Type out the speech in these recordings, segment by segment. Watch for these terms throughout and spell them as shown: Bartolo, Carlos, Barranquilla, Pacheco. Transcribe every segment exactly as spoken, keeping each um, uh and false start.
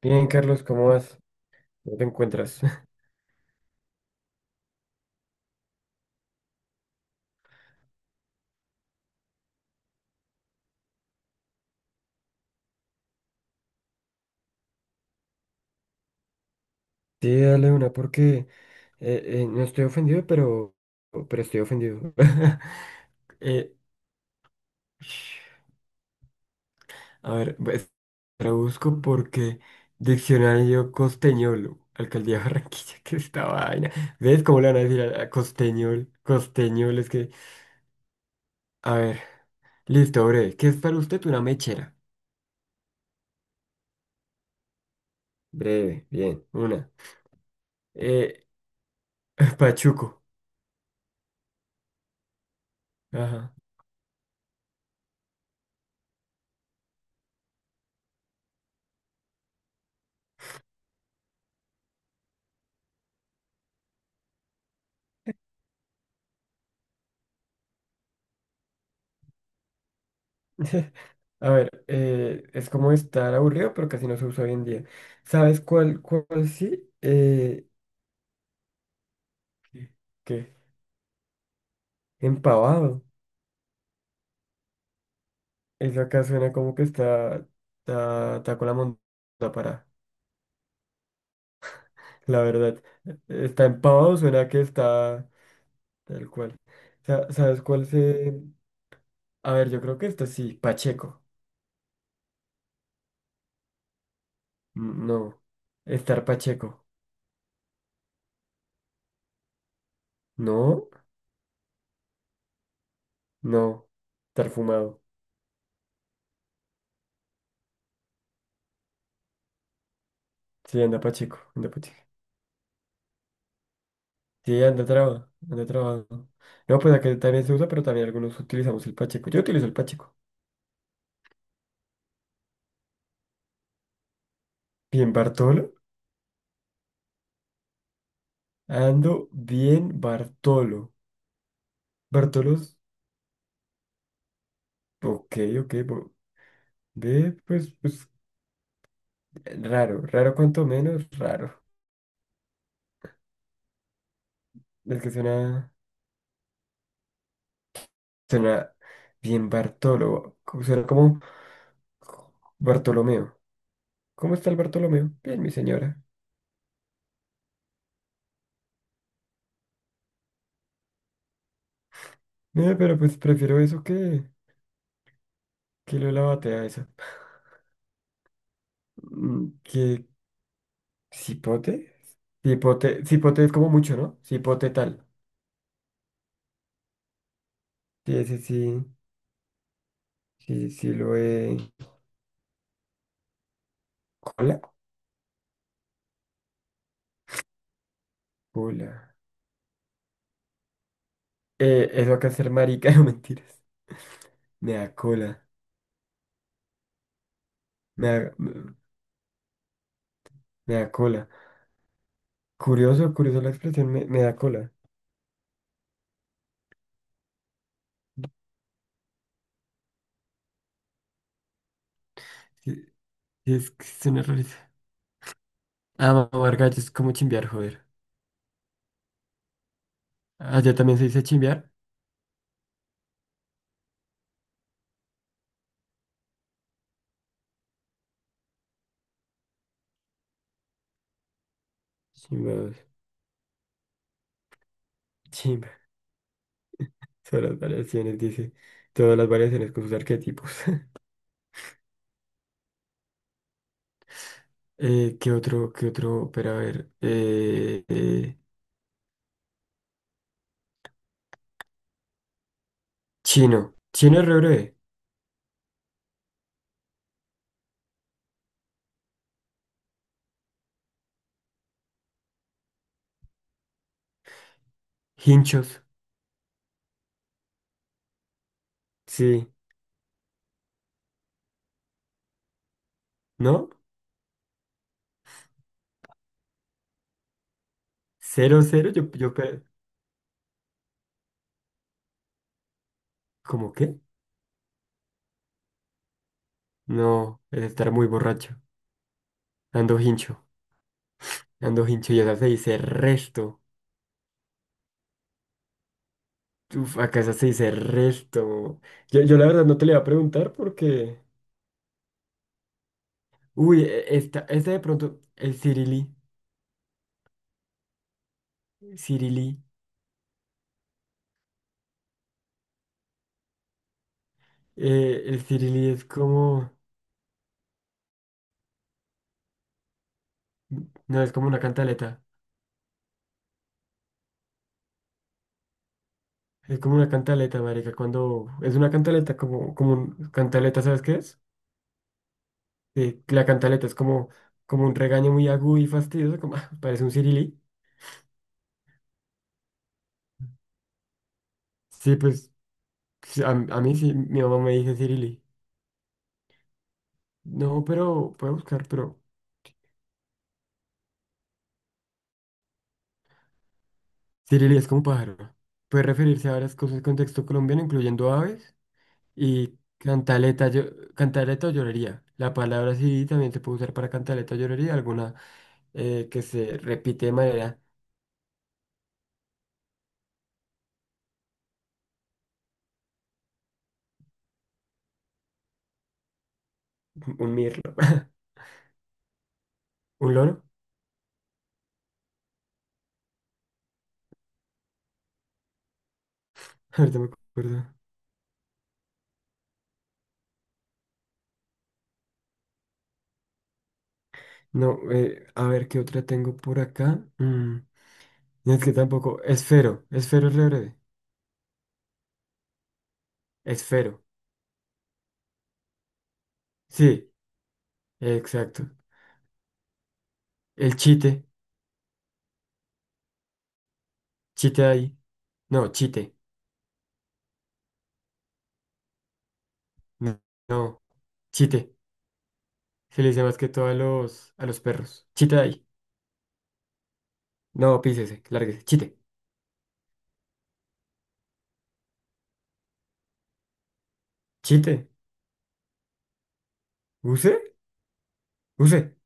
Bien, Carlos, ¿cómo vas? ¿Cómo te encuentras? Sí, dale una porque eh, eh, no estoy ofendido, pero, pero estoy ofendido. Eh, a ver, pues, la busco porque diccionario costeñol, alcaldía de Barranquilla, que esta vaina. ¿Ves cómo le van a decir a, a costeñol? Costeñol es que... A ver, listo, breve. ¿Qué es para usted una mechera? Breve, bien, una. Eh, pachuco. Ajá. A ver, eh, es como estar aburrido, pero casi no se usa hoy en día. ¿Sabes cuál, cuál sí? Eh, ¿qué? Empavado. Eso acá suena como que está, está, está con la monta para, la verdad. Está empavado, suena que está tal cual. Sa- ¿Sabes cuál se...? A ver, yo creo que esto sí, Pacheco. Mm, no. Estar Pacheco. No, no. Estar fumado. Sí, anda Pacheco, anda Pacheco. Sí, anda traba, anda trabado. No, pues acá también se usa, pero también algunos utilizamos el pacheco. Yo utilizo el pacheco. Bien, Bartolo. Ando bien, Bartolo. Bartolos, ok, ok. bo- Ve, pues, pues, raro, raro cuanto menos, raro. Es que suena, suena bien, Bartolo. Co- Suena como Bartolomeo. ¿Cómo está el Bartolomeo? Bien, mi señora. Mira, pero pues prefiero eso que, que lo de la batea esa. ¿Cipote? Cipote, cipote es como mucho, ¿no? Cipote tal. Sí, ese sí. Sí, sí, lo he. ¿Cola? Cola. Eh, eso que hacer marica, no mentiras. Me da cola. Me da, me, me da cola. Curioso, curioso la expresión, me, me da cola. Sí, sí, es que suena rarísimo. Ah, mamar gallo es como chimbear, joder. Allá también se dice chimbear. Chimbados. Chimba. Son las variaciones, dice. Todas las variaciones con sus arquetipos. Eh, ¿qué otro, ¿qué otro? Pero a ver. eh, eh, chino. Chino es re breve. Hinchos. Sí. ¿No? Cero, cero. Yo, yo, pe- ¿cómo qué? No, es estar muy borracho. Ando hincho. Ando hincho. Y acá se dice resto. Uf, acá esa se dice resto. Yo, yo la verdad no te le iba a preguntar porque. Uy, e- esta, esta de pronto. El cirilí. Cirilí. eh, el cirilí es como. No, es como una cantaleta. Es como una cantaleta, marica, cuando es una cantaleta, como, como un cantaleta, ¿sabes qué es? Sí, la cantaleta es como, como un regaño muy agudo y fastidioso, como parece un cirilí. Sí, pues sí, a, a mí sí, mi mamá me dice cirilí. No, pero puedo buscar, pero cirilí es como pájaro. Puede referirse a varias cosas del contexto colombiano, incluyendo aves y cantaleta, yo- cantaleta o llorería. La palabra cirilí también se puede usar para cantaleta o llorería, alguna eh, que se repite de manera, un mirlo, un loro. Ahorita me acuerdo. No, eh, a ver qué otra tengo por acá. Mm, no, es que tampoco. Esfero. Esfero es re breve. Esfero. Sí, exacto. El chite. Chite ahí. No, chite. No, no, chite. Se le dice más que todo a los, a los perros. Chite ahí. No, pícese, lárguese. Chite. Chite. ¿Use? ¿Use?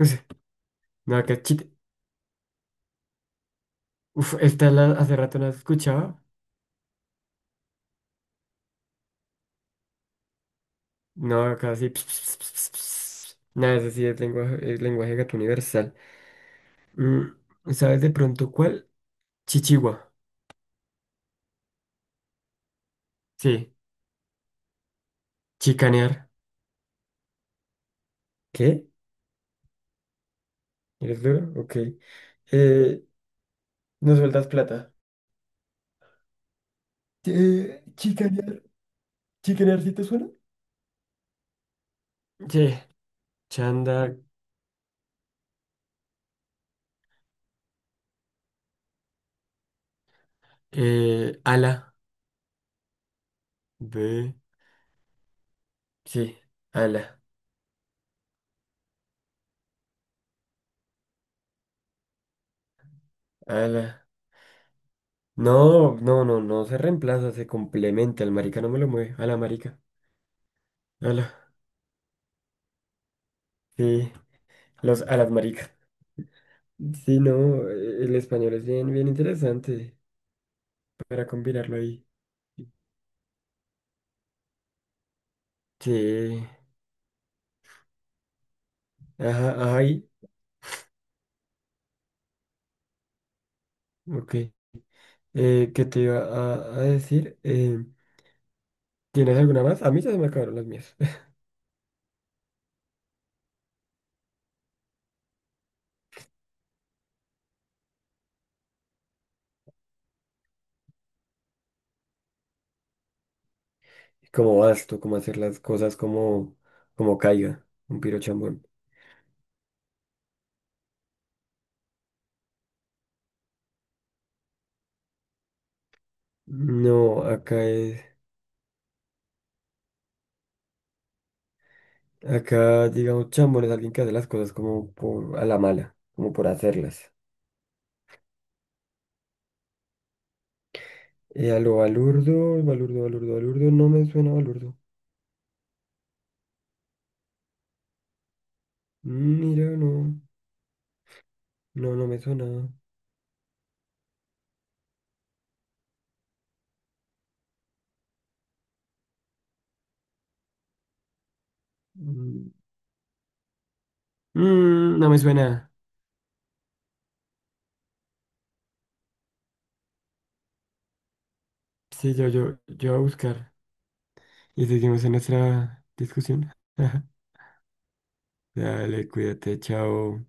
¿Use? No, acá es chite. Uf, esta la, hace rato no la escuchaba. No, acá sí. Nada, eso sí es lenguaje, es lenguaje gato universal. Mm, ¿sabes de pronto cuál? Chichigua. Sí, chicanear. ¿Qué? ¿Eres duro? Ok. Eh, no sueltas plata. Eh, chicanear. ¿Chicanear sí te suena? Sí, chanda, eh, ala, B, sí. Ala. Ala. No, no, no, no se reemplaza, se complementa. El marica no me lo mueve. Ala, marica. Ala. Sí. Los alas maricas. Sí, no, eh, el español es bien, bien interesante para combinarlo ahí. Sí, ajá, ajá, y- ok. Eh, ¿qué te iba a, a decir? Eh, ¿tienes alguna más? A mí ya se me acabaron las mías. ¿Cómo vas tú? ¿Cómo hacer las cosas como, como caiga? Un piro chambón. No, acá es, acá digamos chambón es alguien que hace las cosas como por, a la mala, como por hacerlas. Eh, a lo balurdo, balurdo, balurdo, balurdo, no me suena balurdo. Mm, mira, no, no, no me suena. Mm, mm, no me suena. Sí, yo, yo, yo voy a buscar. Y seguimos en nuestra discusión. Dale, cuídate, chao.